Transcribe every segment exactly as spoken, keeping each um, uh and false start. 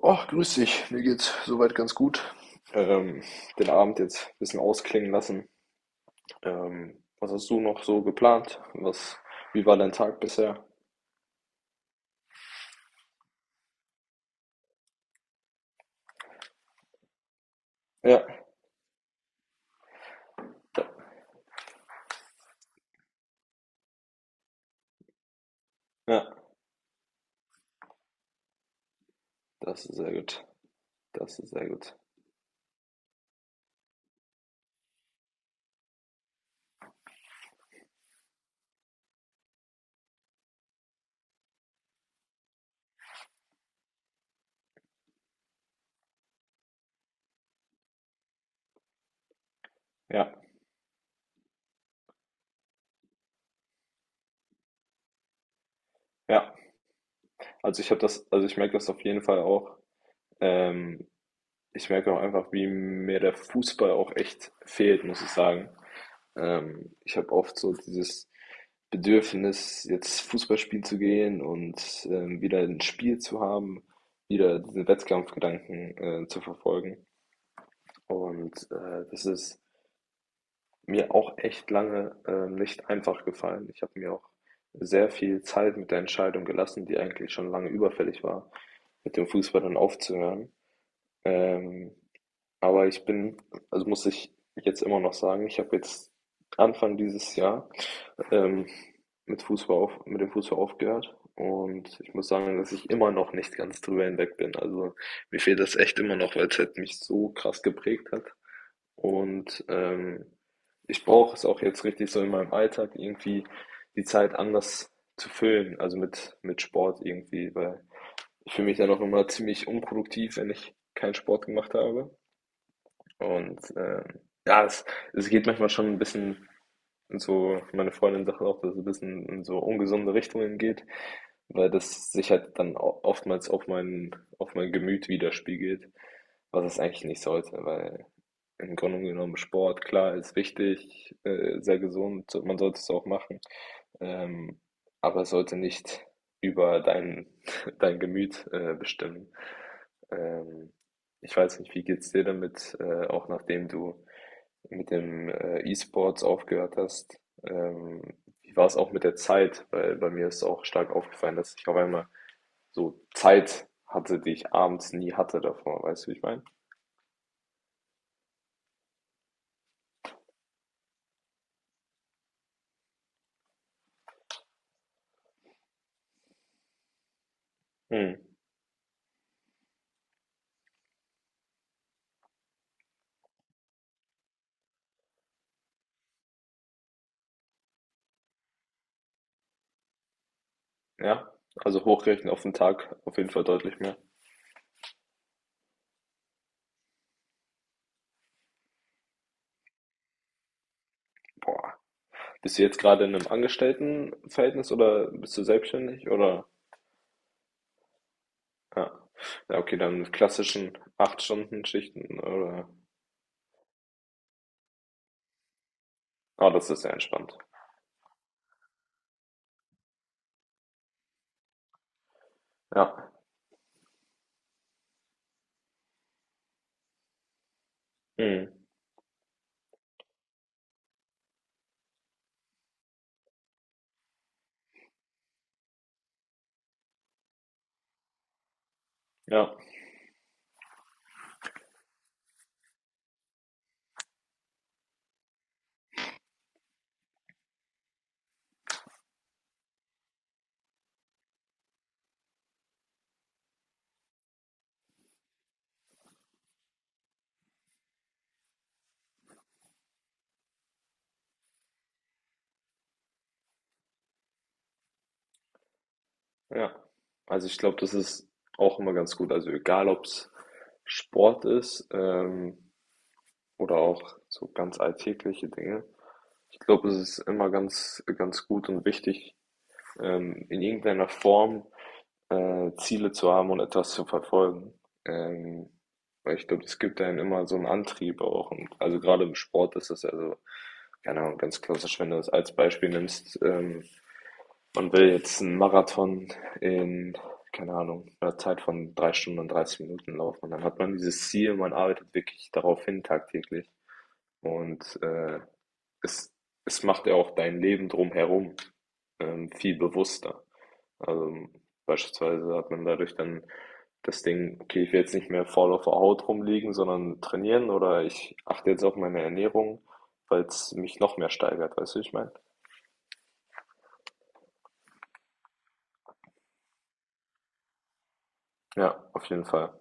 Och, grüß dich. Mir geht's soweit ganz gut. Ähm, Den Abend jetzt ein bisschen ausklingen lassen. Ähm, was hast du noch so geplant? Was, wie war dein Tag bisher? Ja, da, ja, das ist sehr gut. Das ist sehr gut. Ja, ja. Also ich habe das, also ich merke das auf jeden Fall auch. Ähm, Ich merke auch einfach, wie mir der Fußball auch echt fehlt, muss ich sagen. Ähm, ich habe oft so dieses Bedürfnis, jetzt Fußball spielen zu gehen und ähm, wieder ein Spiel zu haben, wieder diese Wettkampfgedanken äh, zu verfolgen. Und äh, das ist mir auch echt lange ähm, nicht einfach gefallen. Ich habe mir auch sehr viel Zeit mit der Entscheidung gelassen, die eigentlich schon lange überfällig war, mit dem Fußball dann aufzuhören. Ähm, aber ich bin, also muss ich jetzt immer noch sagen, ich habe jetzt Anfang dieses Jahr, ähm, mit Fußball auf mit dem Fußball aufgehört und ich muss sagen, dass ich immer noch nicht ganz drüber hinweg bin. Also, mir fehlt das echt immer noch, weil es halt mich so krass geprägt hat. Und, ähm, ich brauche es auch jetzt richtig so in meinem Alltag irgendwie die Zeit anders zu füllen, also mit mit Sport irgendwie, weil ich fühle mich dann auch immer ziemlich unproduktiv, wenn ich keinen Sport gemacht habe. Und, ähm, ja, es es geht manchmal schon ein bisschen in so, meine Freundin sagt auch, dass es ein bisschen in so ungesunde Richtungen geht, weil das sich halt dann o oftmals auf mein, auf mein Gemüt widerspiegelt, was es eigentlich nicht sollte, weil im Grunde genommen Sport, klar, ist wichtig, äh, sehr gesund, so- man sollte es auch machen, ähm, aber es sollte nicht über dein, dein Gemüt äh, bestimmen. Ähm, Ich weiß nicht, wie geht's dir damit, äh, auch nachdem du mit dem äh, E-Sports aufgehört hast? Ähm, wie war es auch mit der Zeit? Weil bei mir ist auch stark aufgefallen, dass ich auf einmal so Zeit hatte, die ich abends nie hatte davor, weißt du, wie ich meine? Hm. Ja, also hochrechnen auf den Tag auf jeden Fall deutlich mehr. Boah. Bist du jetzt gerade in einem Angestelltenverhältnis oder bist du selbstständig oder? Ja, ja, okay, dann mit klassischen acht Stunden Schichten oder? Ah, das ist sehr entspannt. Ja. Mhm. Ja, ja. Also ich glaube, das ist auch immer ganz gut. Also egal, ob es Sport ist, ähm, oder auch so ganz alltägliche Dinge. Ich glaube, es ist immer ganz, ganz gut und wichtig, ähm, in irgendeiner Form äh, Ziele zu haben und etwas zu verfolgen. Ähm, Weil ich glaube, es gibt einem immer so einen Antrieb auch. Und also gerade im Sport ist das, also, keine Ahnung, ganz klassisch, wenn du es als Beispiel nimmst, ähm, man will jetzt einen Marathon in, keine Ahnung, einer Zeit von drei Stunden und dreißig Minuten laufen. Und dann hat man dieses Ziel, man arbeitet wirklich darauf hin tagtäglich. Und äh, es, es macht ja auch dein Leben drumherum ähm, viel bewusster. Also, beispielsweise hat man dadurch dann das Ding, okay, ich will jetzt nicht mehr faul auf der Haut rumliegen, sondern trainieren, oder ich achte jetzt auf meine Ernährung, weil es mich noch mehr steigert, weißt du, wie ich meine? Ja, auf jeden Fall.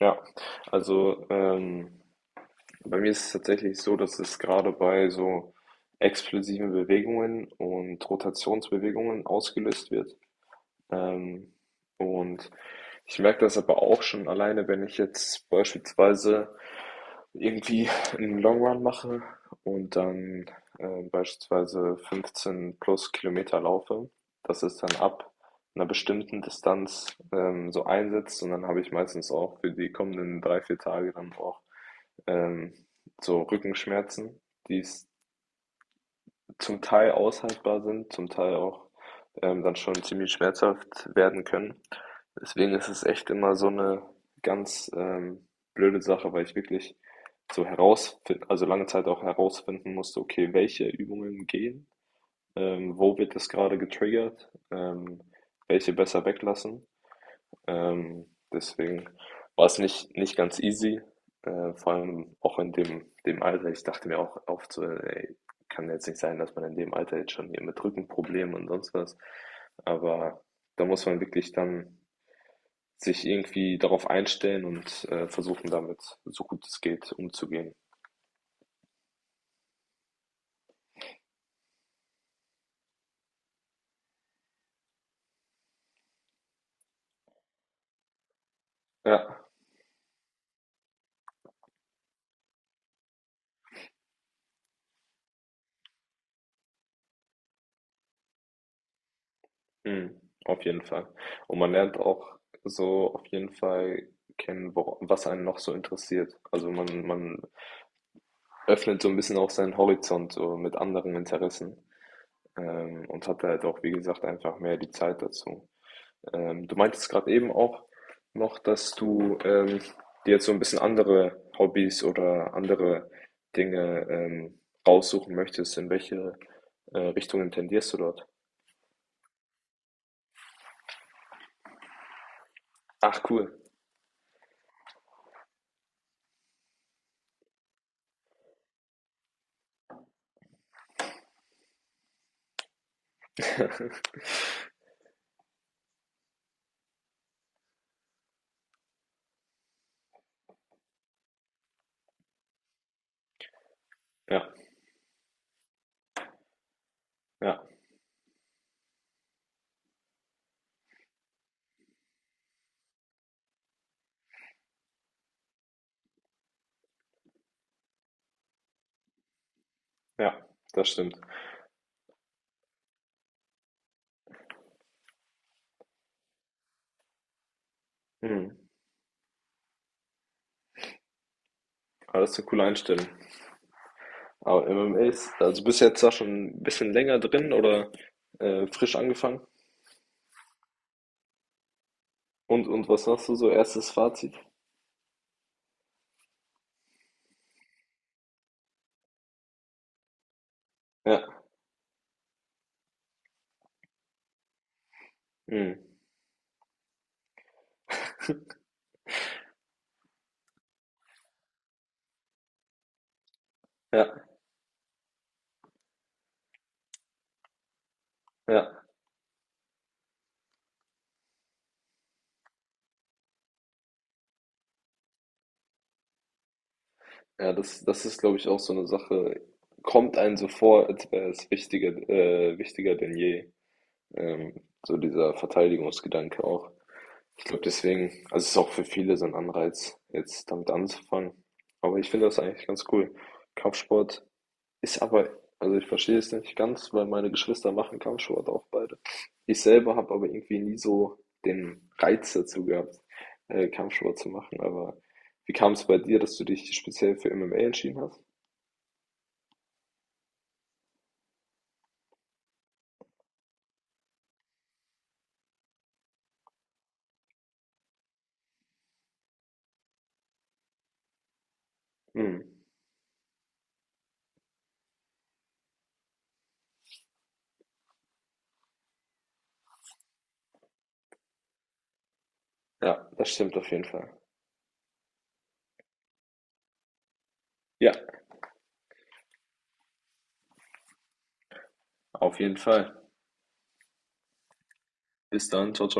Ja, also ähm, bei mir ist es tatsächlich so, dass es gerade bei so explosiven Bewegungen und Rotationsbewegungen ausgelöst wird. Ähm, und ich merke das aber auch schon alleine, wenn ich jetzt beispielsweise irgendwie einen Long Run mache und dann äh, beispielsweise fünfzehn plus Kilometer laufe. Das ist dann ab einer bestimmten Distanz ähm, so einsetzt und dann habe ich meistens auch für die kommenden drei, vier Tage dann auch ähm, so Rückenschmerzen, die es zum Teil aushaltbar sind, zum Teil auch ähm, dann schon ziemlich schmerzhaft werden können. Deswegen ist es echt immer so eine ganz ähm, blöde Sache, weil ich wirklich so herausfinden, also lange Zeit auch herausfinden musste, okay, welche Übungen gehen, ähm, wo wird das gerade getriggert, ähm, welche besser weglassen. Ähm, Deswegen war es nicht, nicht ganz easy, äh, vor allem auch in dem, dem Alter. Ich dachte mir auch oft so, ey, kann jetzt nicht sein, dass man in dem Alter jetzt schon hier mit Rückenproblemen und sonst was. Aber da muss man wirklich dann sich irgendwie darauf einstellen und äh, versuchen, damit so gut es geht umzugehen. Ja, mhm, auf jeden Fall. Und man lernt auch so auf jeden Fall kennen, wo, was einen noch so interessiert. Also man, man öffnet so ein bisschen auch seinen Horizont so mit anderen Interessen, ähm, und hat halt auch, wie gesagt, einfach mehr die Zeit dazu. Ähm, du meintest gerade eben auch noch, dass du ähm, dir jetzt so ein bisschen andere Hobbys oder andere Dinge ähm, raussuchen möchtest. In welche äh, Richtungen tendierst du dort? Ach, cool. Ja, ja, ja, das stimmt. Mhm. Aber das ist eine coole Einstellung. Aber M M A ist, also bist du jetzt da schon ein bisschen länger drin oder äh, frisch angefangen? Und und was sagst du so, erstes Fazit? Ja, mhm. Ja, ja. Ja, das das ist, glaube ich, auch so eine Sache, kommt einem so vor, als wäre es wichtiger äh, wichtiger denn je, ähm, so dieser Verteidigungsgedanke auch. Ich glaube deswegen, also, es ist auch für viele so ein Anreiz, jetzt damit anzufangen. Aber ich finde das eigentlich ganz cool. Kampfsport ist aber, also ich verstehe es nicht ganz, weil meine Geschwister machen Kampfsport auch beide. Ich selber habe aber irgendwie nie so den Reiz dazu gehabt, äh, Kampfsport zu machen. Aber wie kam es bei dir, dass du dich speziell für M M A entschieden hast? Hm. Ja, das stimmt auf jeden Fall. Ja, auf jeden Fall. Bis dann. Ciao, ciao.